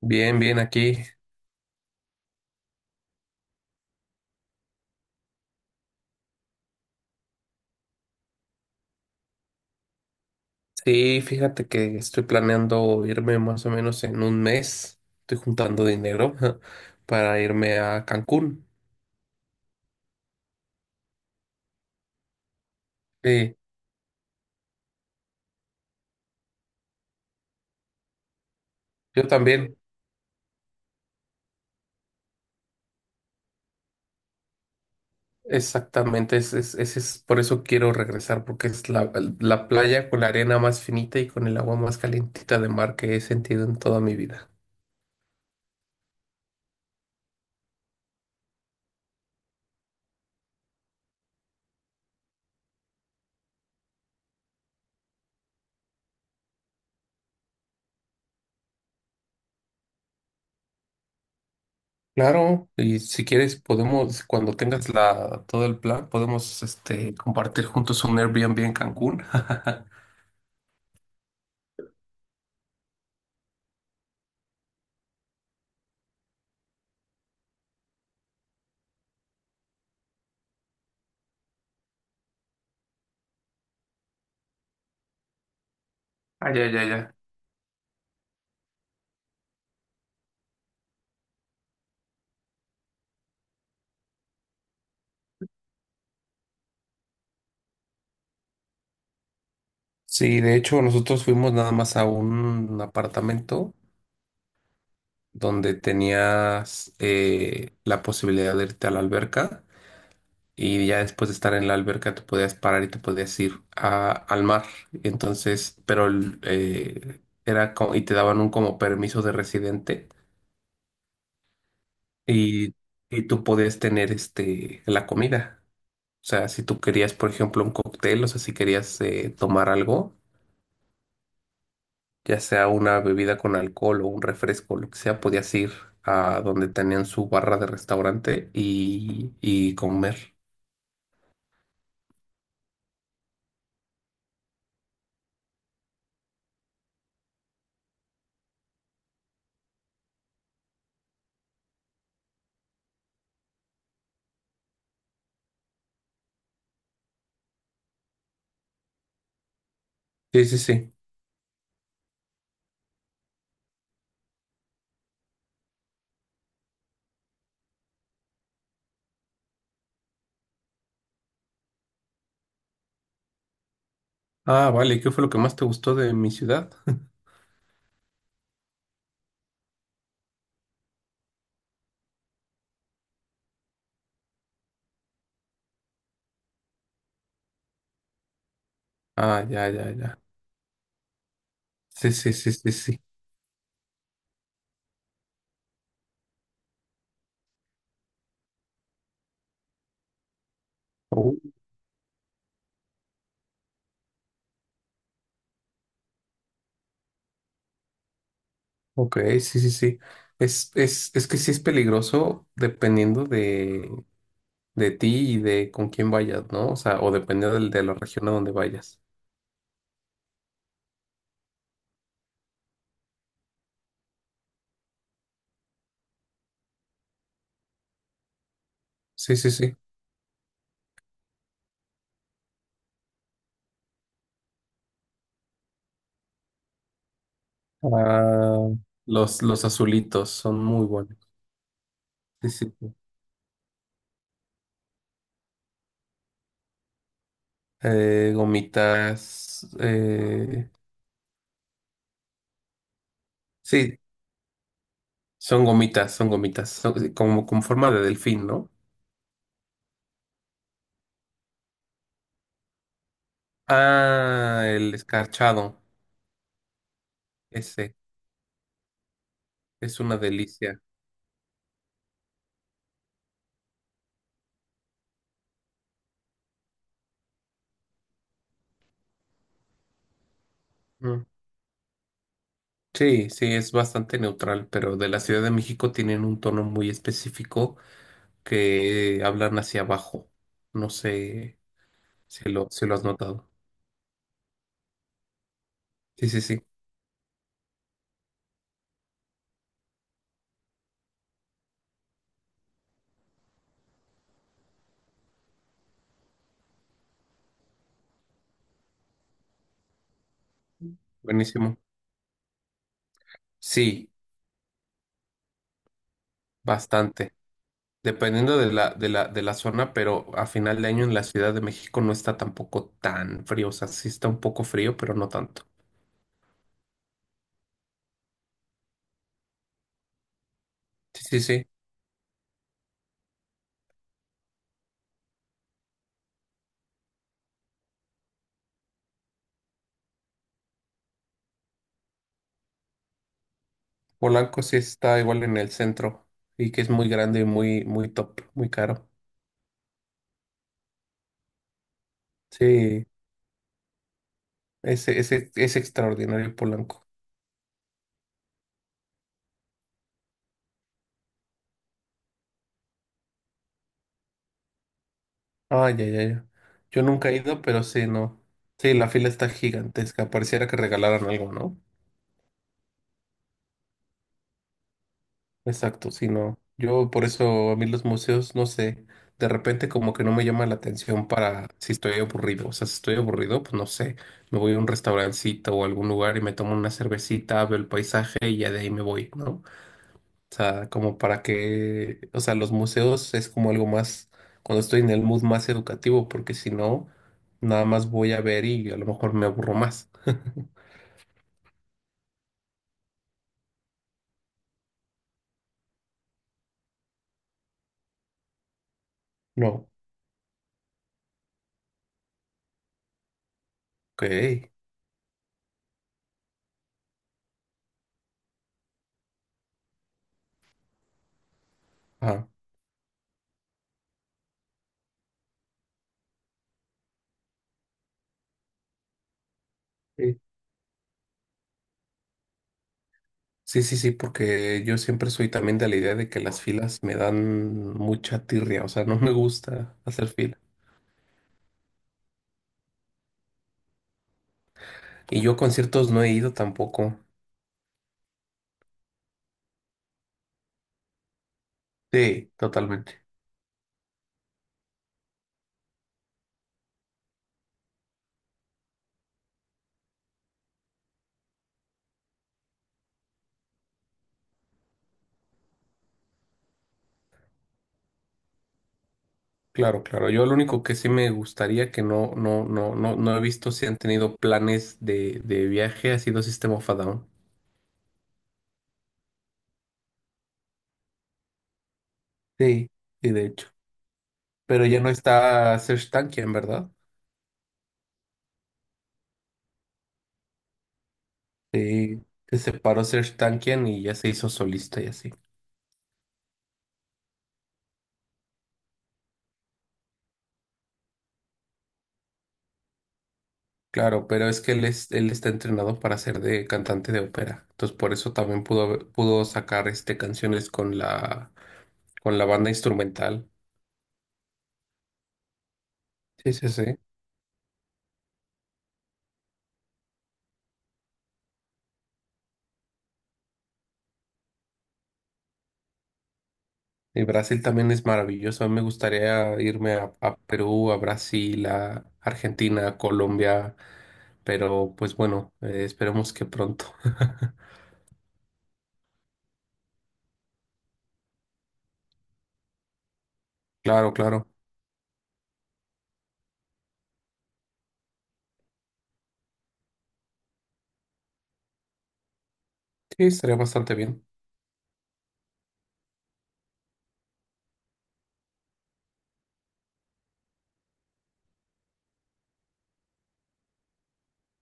Bien, bien, aquí. Sí, fíjate que estoy planeando irme más o menos en un mes. Estoy juntando dinero para irme a Cancún. Sí, yo también, exactamente. Es por eso quiero regresar, porque es la playa con la arena más finita y con el agua más calentita de mar que he sentido en toda mi vida. Claro, y si quieres podemos, cuando tengas todo el plan, podemos compartir juntos un Airbnb en Cancún. Ah, ya, ya, ya. Sí, de hecho nosotros fuimos nada más a un apartamento donde tenías la posibilidad de irte a la alberca y ya después de estar en la alberca te podías parar y te podías ir al mar. Entonces, pero era como, y te daban un como permiso de residente y, y tú podías tener la comida. O sea, si tú querías, por ejemplo, un cóctel, o sea, si querías tomar algo, ya sea una bebida con alcohol o un refresco, lo que sea, podías ir a donde tenían su barra de restaurante y comer. Sí, sí, sí. Ah, vale, ¿qué fue lo que más te gustó de mi ciudad? Ah, ya, ya, ya. Sí, sí, sí, sí, sí. Oh, ok, sí, sí, sí. Es que sí es peligroso, dependiendo de ti y de con quién vayas, ¿no? O sea, o dependiendo de la región a donde vayas. Sí, sí, sí. Ah, los azulitos son muy buenos. Sí, sí, sí. Gomitas. Sí, son gomitas, son gomitas, son sí, como con forma de delfín, ¿no? Ah, el escarchado. Ese es una delicia. Mm. Sí, sí, es bastante neutral, pero de la Ciudad de México tienen un tono muy específico, que hablan hacia abajo. No sé si lo has notado. Sí, sí, sí. Buenísimo. Sí, bastante. Dependiendo de la zona, pero a final de año en la Ciudad de México no está tampoco tan frío. O sea, sí está un poco frío, pero no tanto. Sí, sí, sí. Polanco sí está igual en el centro y que es muy grande y muy, muy top, muy caro. Sí, ese es extraordinario, Polanco. Ay, ya, ya, ya. Yo nunca he ido, pero sí, no. Sí, la fila está gigantesca. Pareciera que regalaran algo, ¿no? Exacto, sí, no. Yo por eso, a mí los museos, no sé, de repente como que no me llama la atención para si estoy aburrido. O sea, si estoy aburrido, pues no sé, me voy a un restaurancito o algún lugar y me tomo una cervecita, veo el paisaje y ya de ahí me voy, ¿no? O sea, como para que, o sea, los museos es como algo más, cuando estoy en el mood más educativo, porque si no, nada más voy a ver y a lo mejor me aburro más. No, ok. Ah. Sí, sí, sí, porque yo siempre soy también de la idea de que las filas me dan mucha tirria, o sea, no me gusta hacer fila. Y yo a conciertos no he ido tampoco. Sí, totalmente. Claro, claro. Yo lo único que sí me gustaría, que no he visto si han tenido planes de viaje, ha sido System of a Down. Sí, sí, de hecho. Pero ya no está Serj Tankian, ¿verdad? Sí, se separó Serj Tankian y ya se hizo solista y así. Claro, pero es que él está entrenado para ser de cantante de ópera. Entonces, por eso también pudo sacar canciones con la banda instrumental. Sí, sí, sí. Y Brasil también es maravilloso. A mí me gustaría irme a Perú, a Brasil, a Argentina, a Colombia. Pero, pues bueno, esperemos que pronto. Claro, claro. Sí, estaría bastante bien.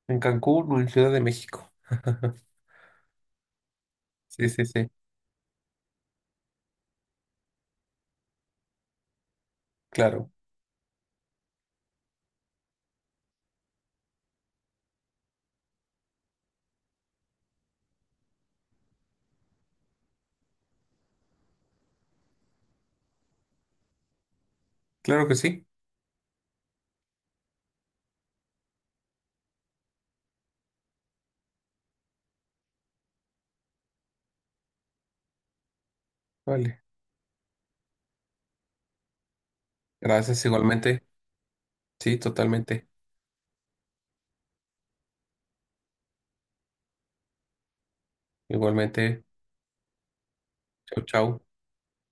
En Cancún o en Ciudad de México. Sí, sí, sí. Claro. Claro que sí. Vale. Gracias igualmente. Sí, totalmente. Igualmente, chau, chau.